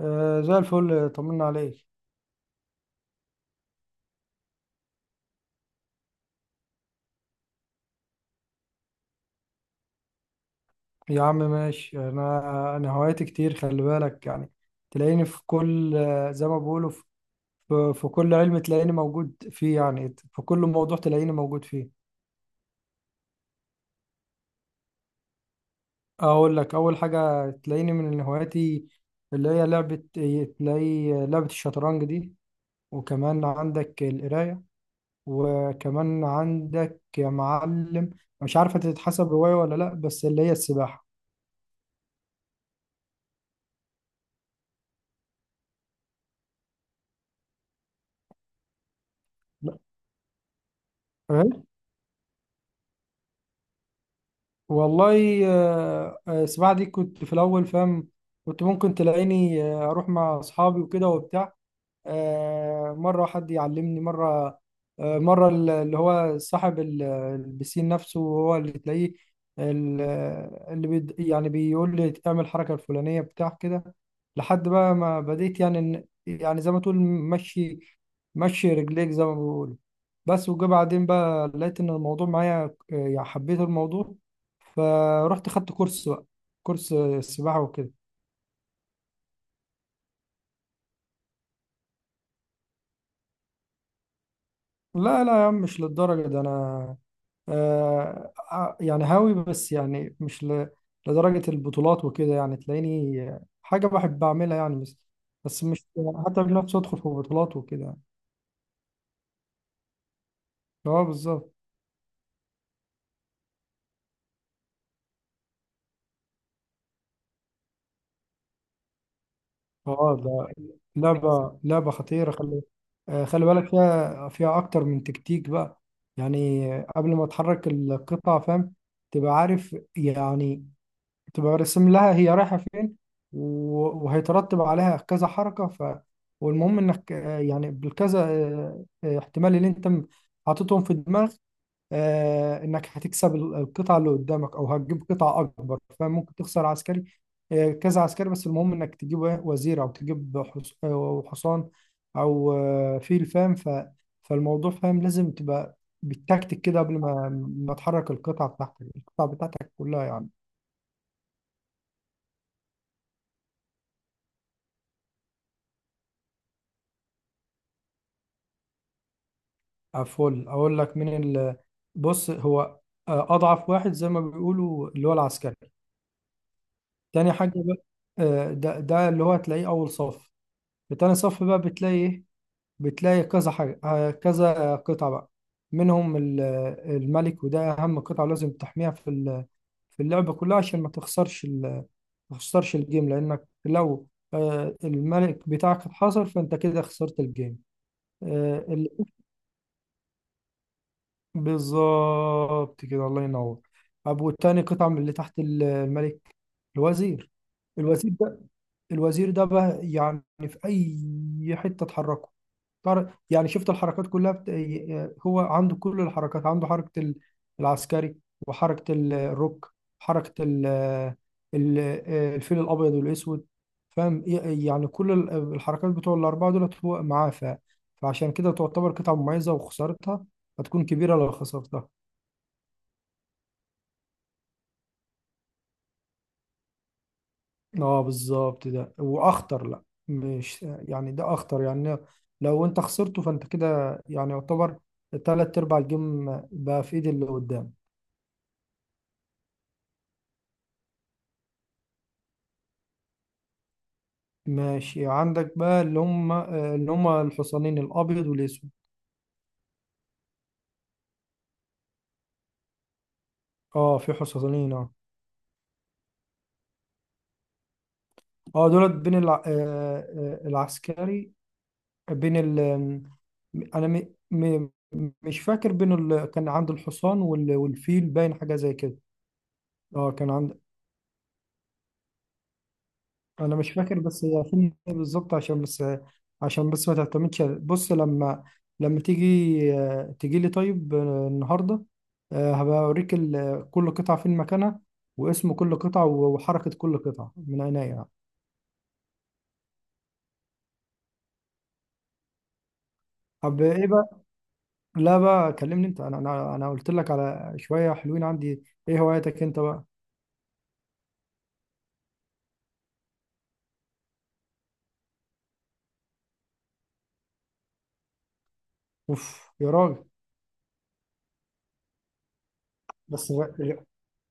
زي الفل طمنا عليك. يا عم ماشي، انا هواياتي كتير، خلي بالك يعني. تلاقيني في كل زي ما بيقولوا، في كل علم تلاقيني موجود فيه، يعني في كل موضوع تلاقيني موجود فيه. اقول لك اول حاجة تلاقيني من هواياتي اللي هي لعبة، تلاقي لعبة الشطرنج دي، وكمان عندك القراية، وكمان عندك يا معلم مش عارفة تتحسب هواية ولا لا، بس اللي هي السباحة. والله السباحة دي كنت في الأول فاهم، كنت ممكن تلاقيني أروح مع أصحابي وكده وبتاع، مرة حد يعلمني، مرة اللي هو صاحب البسين نفسه هو اللي تلاقيه ال- اللي بيد، يعني بيقول لي اعمل الحركة الفلانية بتاع كده. لحد بقى ما بديت، يعني يعني زي ما تقول مشي، مشي رجليك زي ما بيقولوا. بس وجا بعدين بقى لقيت ان الموضوع معايا، يعني حبيت الموضوع، فرحت خدت كورس بقى، كورس سباحة وكده. لا لا يا عم، مش للدرجة ده انا، يعني هاوي بس، يعني مش ل... لدرجة البطولات وكده، يعني تلاقيني حاجة بحب أعملها يعني، بس مش حتى بنفسي أدخل في بطولات وكده. اه بالظبط. اه ده لعبة خطيرة، خلي خلي بالك فيها، أكتر من تكتيك بقى. يعني قبل ما تحرك القطعة فاهم، تبقى عارف يعني، تبقى رسم لها هي رايحة فين وهيترتب عليها كذا حركة. ف والمهم انك يعني بالكذا احتمال اللي انت حاططهم في دماغك، انك هتكسب القطعة اللي قدامك او هتجيب قطعة اكبر، فممكن تخسر عسكري، كذا عسكري، بس المهم انك تجيب إيه؟ وزير، او تجيب أو حصان، او فيل فاهم. ف فالموضوع فاهم، لازم تبقى بالتكتيك كده قبل ما تحرك القطعة بتاعتك كلها يعني. فل اقول لك مين ال... بص، هو اضعف واحد زي ما بيقولوا اللي هو العسكري. تاني حاجه بقى، ده اللي هو هتلاقيه اول صف. في تاني صف بقى بتلاقي ايه؟ بتلاقي كذا حاجه، كذا قطعه بقى، منهم الملك، وده اهم قطعه لازم تحميها في في اللعبه كلها، عشان ما تخسرش ما تخسرش الجيم. لانك لو الملك بتاعك اتحصر فانت كده خسرت الجيم. بالظبط كده، الله ينور. أبو التاني قطعة من اللي تحت الملك، الوزير. الوزير الوزير ده بقى يعني في اي حته اتحركه، يعني شفت الحركات كلها هو عنده كل الحركات، عنده حركه العسكري، وحركه الروك، حركه ال- الفيل الابيض والاسود. فاهم، يعني كل الحركات بتوع الاربعه دولت هو معاه. فعشان كده تعتبر قطعه مميزه، وخسارتها هتكون كبيره لو خسرتها. اه بالظبط. ده واخطر، لا مش يعني ده اخطر يعني، لو انت خسرته فانت كده يعني يعتبر تلات ارباع الجيم بقى في ايد اللي قدام. ماشي، عندك بقى اللي هم الحصانين الابيض والاسود. اه في حصانين اه. اه دولت بين العسكري بين ال... انا مش فاكر بين كان عند الحصان والفيل، باين حاجة زي كده. اه كان عند. انا مش فاكر، بس هي فيلم إيه بالظبط، عشان بس ما تعتمدش. بص لما تيجي، تيجي لي طيب النهارده، هبقى اوريك كل قطعه فين مكانها، واسم كل قطعه، وحركه كل قطعه من عينيا يعني. طب ايه بقى؟ لا بقى كلمني انت، انا قلت لك على شويه حلوين عندي، ايه هواياتك انت بقى؟ اوف يا راجل! بس غ-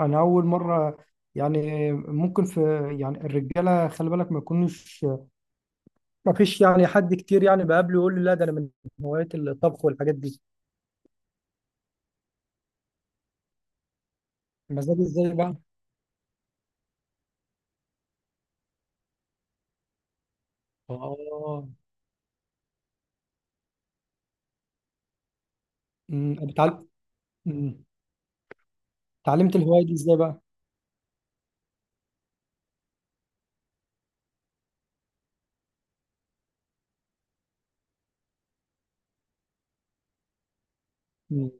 انا اول مره، يعني ممكن في، يعني الرجاله خلي بالك ما يكونوش، ما فيش يعني حد كتير يعني بقابله يقول لي لا ده انا من هواية الطبخ والحاجات دي. مزاج ازاي بقى؟ اه. أمم، بتعل... أمم، اتعلمت الهوايه دي ازاي بقى؟ أمم،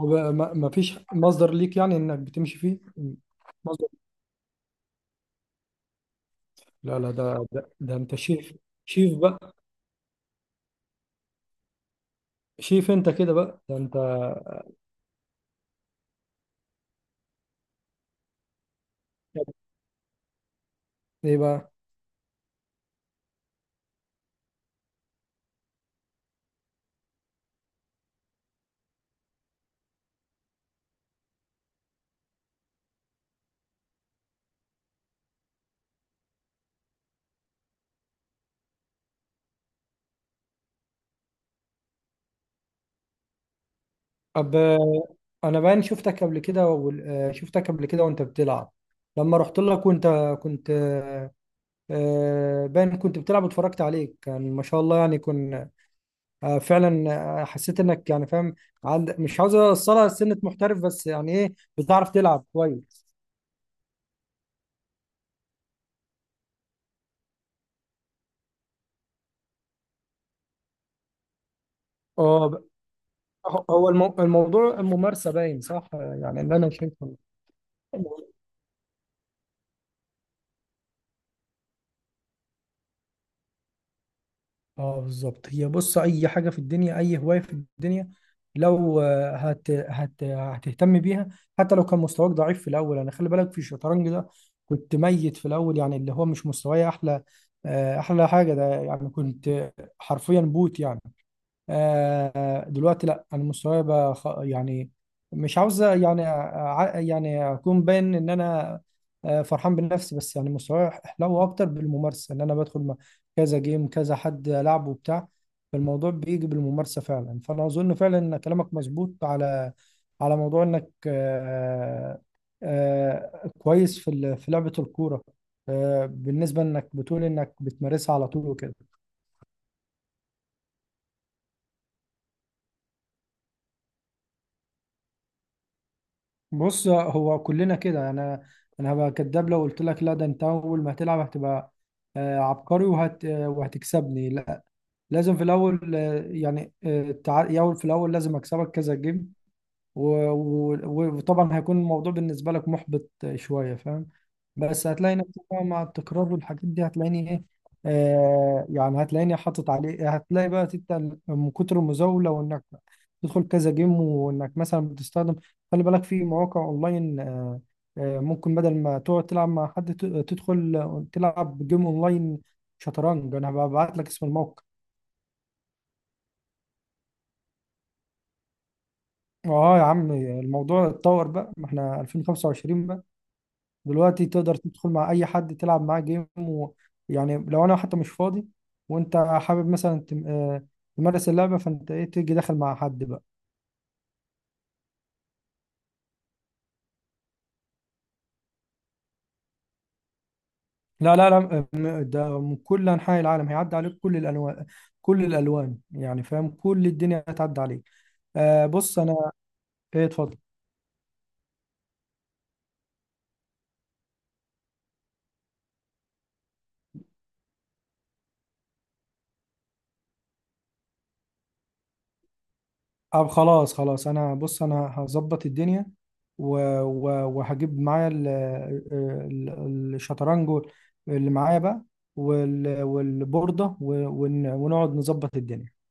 هو بقى ما فيش مصدر ليك، يعني انك بتمشي فيه؟ مصدر. لا لا، ده انت شيف، شيف بقى، شيف انت كده بقى، ده انت. ايه بقى؟ طب انا باين شفتك قبل كده شفتك قبل كده وانت بتلعب، لما رحت لك وانت كنت باين كنت بتلعب واتفرجت عليك، كان ما شاء الله يعني كن فعلا، حسيت انك يعني فاهم، عند مش عاوز اوصلها لسنة محترف، بس يعني ايه، بتعرف تلعب كويس. اه ب- هو الموضوع الممارسة باين صح، يعني اللي انا شايفه. اه بالظبط، هي بص اي حاجه في الدنيا، اي هوايه في الدنيا، لو آه، هت هت هتهتم بيها، حتى لو كان مستواك ضعيف في الاول. انا خلي بالك في الشطرنج ده كنت ميت في الاول، يعني اللي هو مش مستواي احلى احلى حاجه ده يعني، كنت حرفيا بوت يعني، دلوقتي لا، انا مستواي بقى يعني مش عاوز يعني يعني اكون باين ان انا فرحان بنفسي، بس يعني مستواي حلو اكتر بالممارسه، ان انا بدخل مع كذا جيم كذا حد لعبه وبتاع. فالموضوع بيجي بالممارسه فعلا، فانا اظن فعلا ان كلامك مظبوط على موضوع انك كويس في في لعبه الكوره، بالنسبه انك بتقول انك بتمارسها على طول وكده. بص هو كلنا كده، انا هبقى كداب لو قلت لك لا ده انت اول ما هتلعب هتبقى عبقري وهتكسبني، لا لازم في الاول في الاول لازم اكسبك كذا جيم، وطبعا هيكون الموضوع بالنسبة لك محبط شوية فاهم. بس هتلاقي نفسك بقى مع التكرار والحاجات دي، هتلاقيني ايه آه، يعني هتلاقيني حاطط عليه، هتلاقي بقى انت من كتر المزاولة، وانك تدخل كذا جيم، وانك مثلا بتستخدم خلي بالك في مواقع اونلاين آه، آه ممكن بدل ما تقعد تلعب مع حد، تدخل تلعب جيم اونلاين شطرنج، انا هبعت لك اسم الموقع. اه يا عم، الموضوع اتطور بقى، ما احنا 2025، دلوقتي تقدر تدخل مع اي حد تلعب معاه جيم، ويعني لو انا حتى مش فاضي وانت حابب مثلا تمارس اللعبه، فانت ايه تيجي داخل مع حد بقى. لا لا لا، ده من كل انحاء العالم، هيعدي عليك كل الانواع، كل الالوان يعني فاهم، كل الدنيا هتعدي عليك. آه بص انا. ايه اتفضل. طب خلاص خلاص، انا بص انا هظبط الدنيا و... و... وهجيب معايا الشطرنج اللي معايا بقى، والبوردة ونقعد نظبط الدنيا.